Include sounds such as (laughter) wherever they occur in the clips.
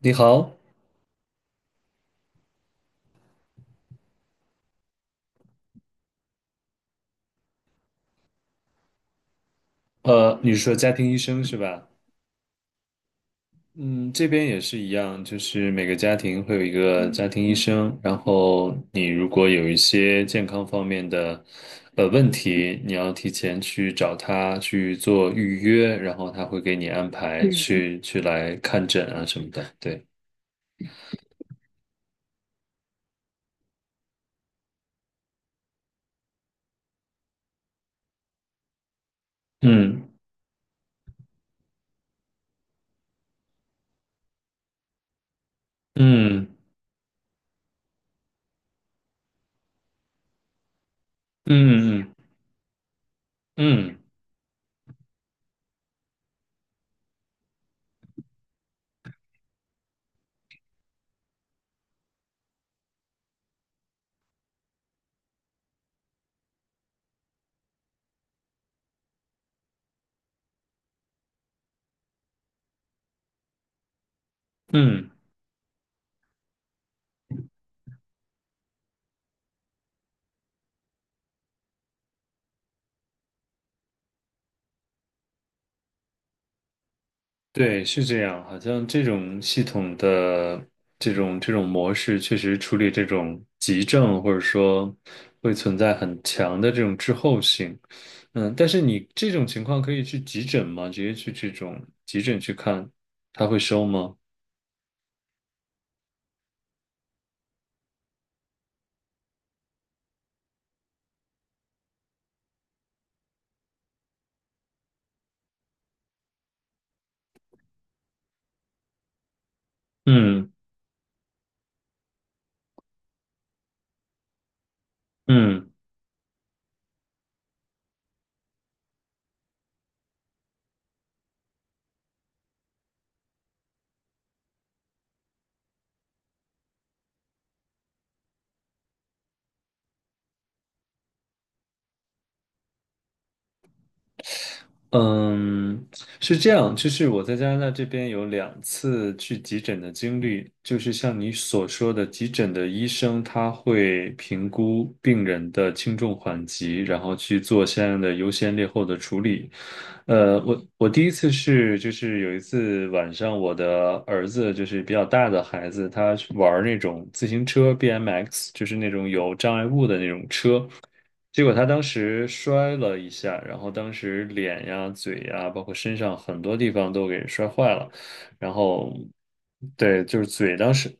你好，你是说家庭医生是吧？嗯，这边也是一样，就是每个家庭会有一个家庭医生，然后你如果有一些健康方面的问题，你要提前去找他去做预约，然后他会给你安排去来看诊啊什么的。对，嗯嗯嗯嗯嗯嗯。嗯对，是这样，好像这种系统的这种模式，确实处理这种急症，或者说会存在很强的这种滞后性。但是你这种情况可以去急诊吗？直接去这种急诊去看，他会收吗？嗯嗯。嗯，是这样，就是我在加拿大这边有2次去急诊的经历，就是像你所说的，急诊的医生他会评估病人的轻重缓急，然后去做相应的优先劣后的处理。我第一次是就是有一次晚上，我的儿子就是比较大的孩子，他玩儿那种自行车 BMX，就是那种有障碍物的那种车。结果他当时摔了一下，然后当时脸呀、嘴呀，包括身上很多地方都给摔坏了。然后，对，就是嘴当时，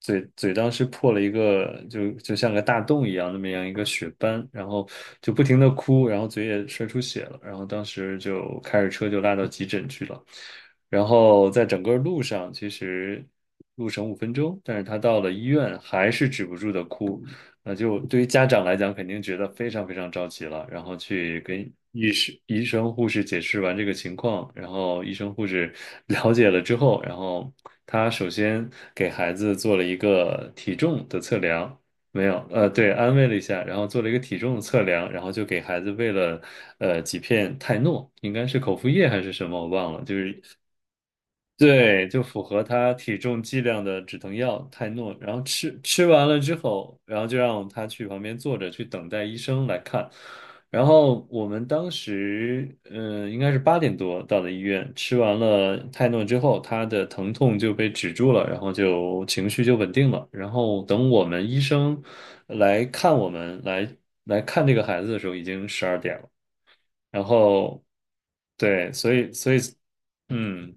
嘴当时破了一个，就像个大洞一样，那么样一个血斑，然后就不停的哭，然后嘴也摔出血了。然后当时就开着车就拉到急诊去了。然后在整个路上，其实路程5分钟，但是他到了医院还是止不住的哭。那就对于家长来讲，肯定觉得非常非常着急了，然后去跟医生、护士解释完这个情况，然后医生、护士 (laughs) 了解了之后，然后他首先给孩子做了一个体重的测量，没有，对，安慰了一下，然后做了一个体重的测量，然后就给孩子喂了几片泰诺，应该是口服液还是什么，我忘了，就是对，就符合他体重剂量的止疼药泰诺，然后吃完了之后，然后就让他去旁边坐着去等待医生来看。然后我们当时，应该是8点多到的医院，吃完了泰诺之后，他的疼痛就被止住了，然后就情绪就稳定了。然后等我们医生来看我们来看这个孩子的时候，已经十二点了。然后，对，所以，嗯。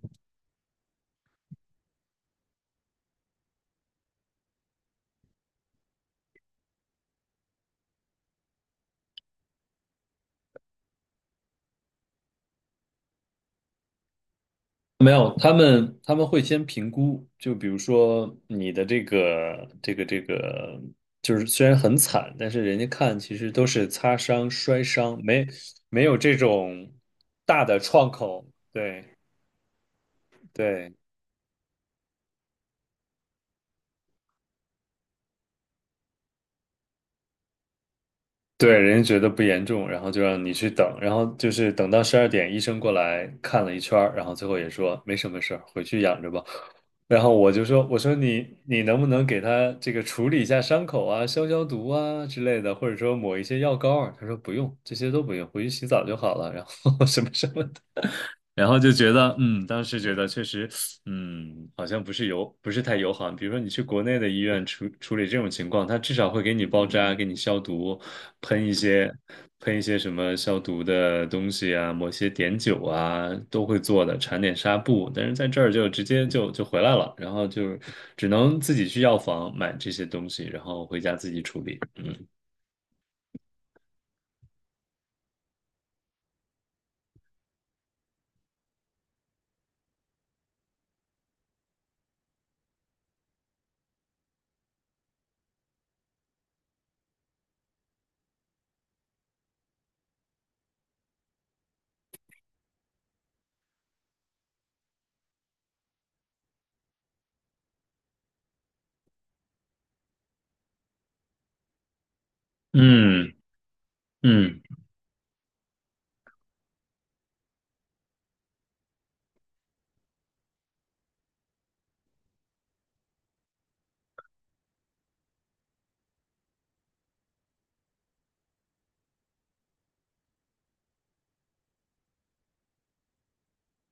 没有，他们会先评估，就比如说你的这个，就是虽然很惨，但是人家看其实都是擦伤、摔伤，没有这种大的创口。对对，对，人家觉得不严重，然后就让你去等，然后就是等到十二点，医生过来看了一圈儿，然后最后也说没什么事儿，回去养着吧。然后我就说，我说你能不能给他这个处理一下伤口啊，消毒啊之类的，或者说抹一些药膏啊？他说不用，这些都不用，回去洗澡就好了，然后 (laughs) 什么什么的。然后就觉得，当时觉得确实，好像不是友，不是太友好。比如说你去国内的医院处理这种情况，他至少会给你包扎、给你消毒，喷一些喷一些什么消毒的东西啊，抹些碘酒啊，都会做的，缠点纱布。但是在这儿就直接就回来了，然后就只能自己去药房买这些东西，然后回家自己处理。嗯嗯嗯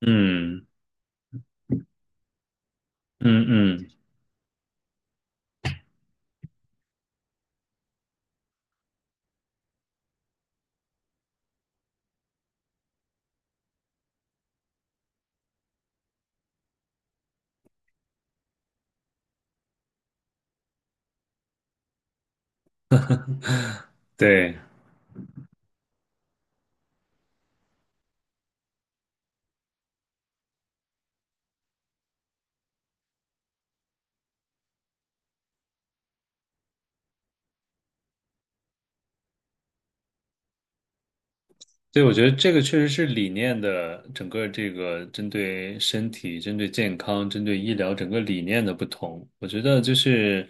嗯嗯嗯，对。对，我觉得这个确实是理念的整个这个针对身体、针对健康、针对医疗整个理念的不同。我觉得就是，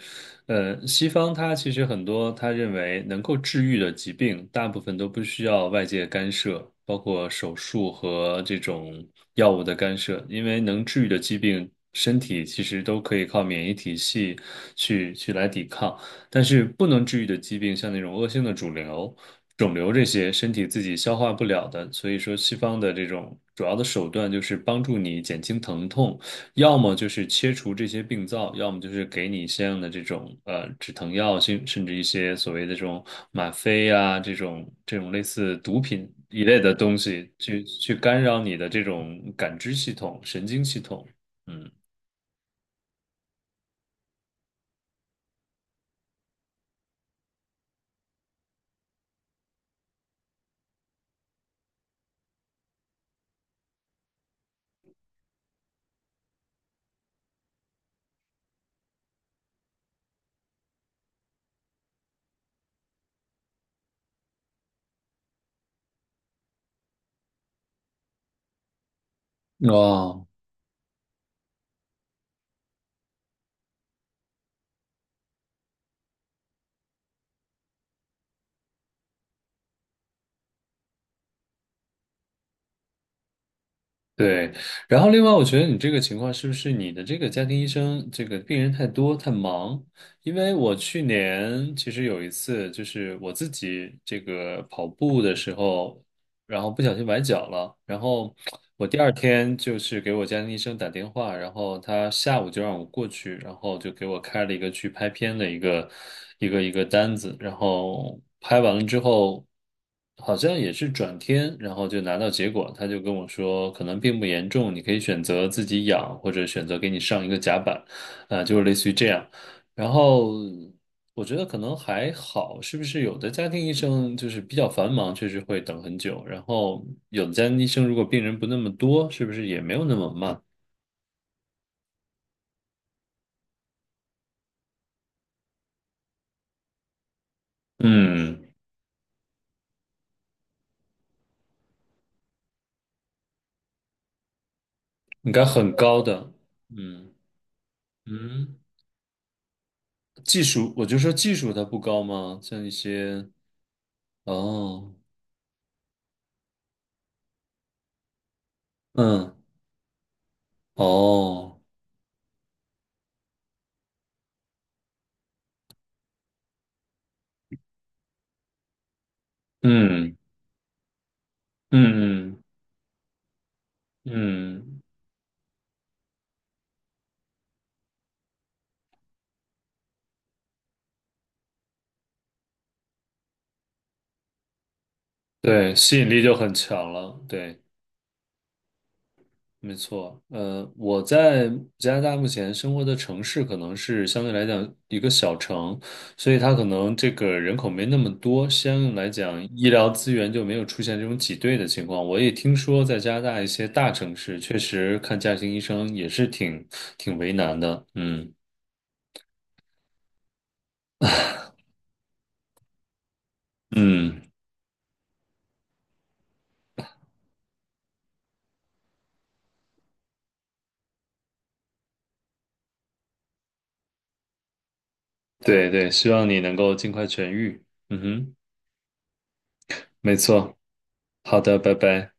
西方它其实很多他认为能够治愈的疾病，大部分都不需要外界干涉，包括手术和这种药物的干涉，因为能治愈的疾病，身体其实都可以靠免疫体系去来抵抗。但是不能治愈的疾病，像那种恶性的肿瘤这些，身体自己消化不了的，所以说西方的这种主要的手段就是帮助你减轻疼痛，要么就是切除这些病灶，要么就是给你相应的这种止疼药，甚至一些所谓的这种吗啡啊，这种类似毒品一类的东西，去干扰你的这种感知系统、神经系统，嗯。哦，对，然后另外，我觉得你这个情况是不是你的这个家庭医生这个病人太多太忙？因为我去年其实有一次，就是我自己这个跑步的时候，然后不小心崴脚了，然后我第二天就是给我家庭医生打电话，然后他下午就让我过去，然后就给我开了一个去拍片的一个单子，然后拍完了之后，好像也是转天，然后就拿到结果，他就跟我说可能并不严重，你可以选择自己养，或者选择给你上一个夹板，啊、就是类似于这样。然后我觉得可能还好，是不是有的家庭医生就是比较繁忙，确实会等很久。然后有的家庭医生如果病人不那么多，是不是也没有那么慢？嗯，应该很高的。嗯嗯，技术，我就说技术它不高吗？像一些哦，嗯哦，嗯嗯嗯嗯对，吸引力就很强了。对。没错，我在加拿大目前生活的城市可能是相对来讲一个小城，所以它可能这个人口没那么多，相应来讲医疗资源就没有出现这种挤兑的情况。我也听说在加拿大一些大城市，确实看家庭医生也是挺为难的。嗯嗯，对对，希望你能够尽快痊愈。嗯哼，没错。好的，拜拜。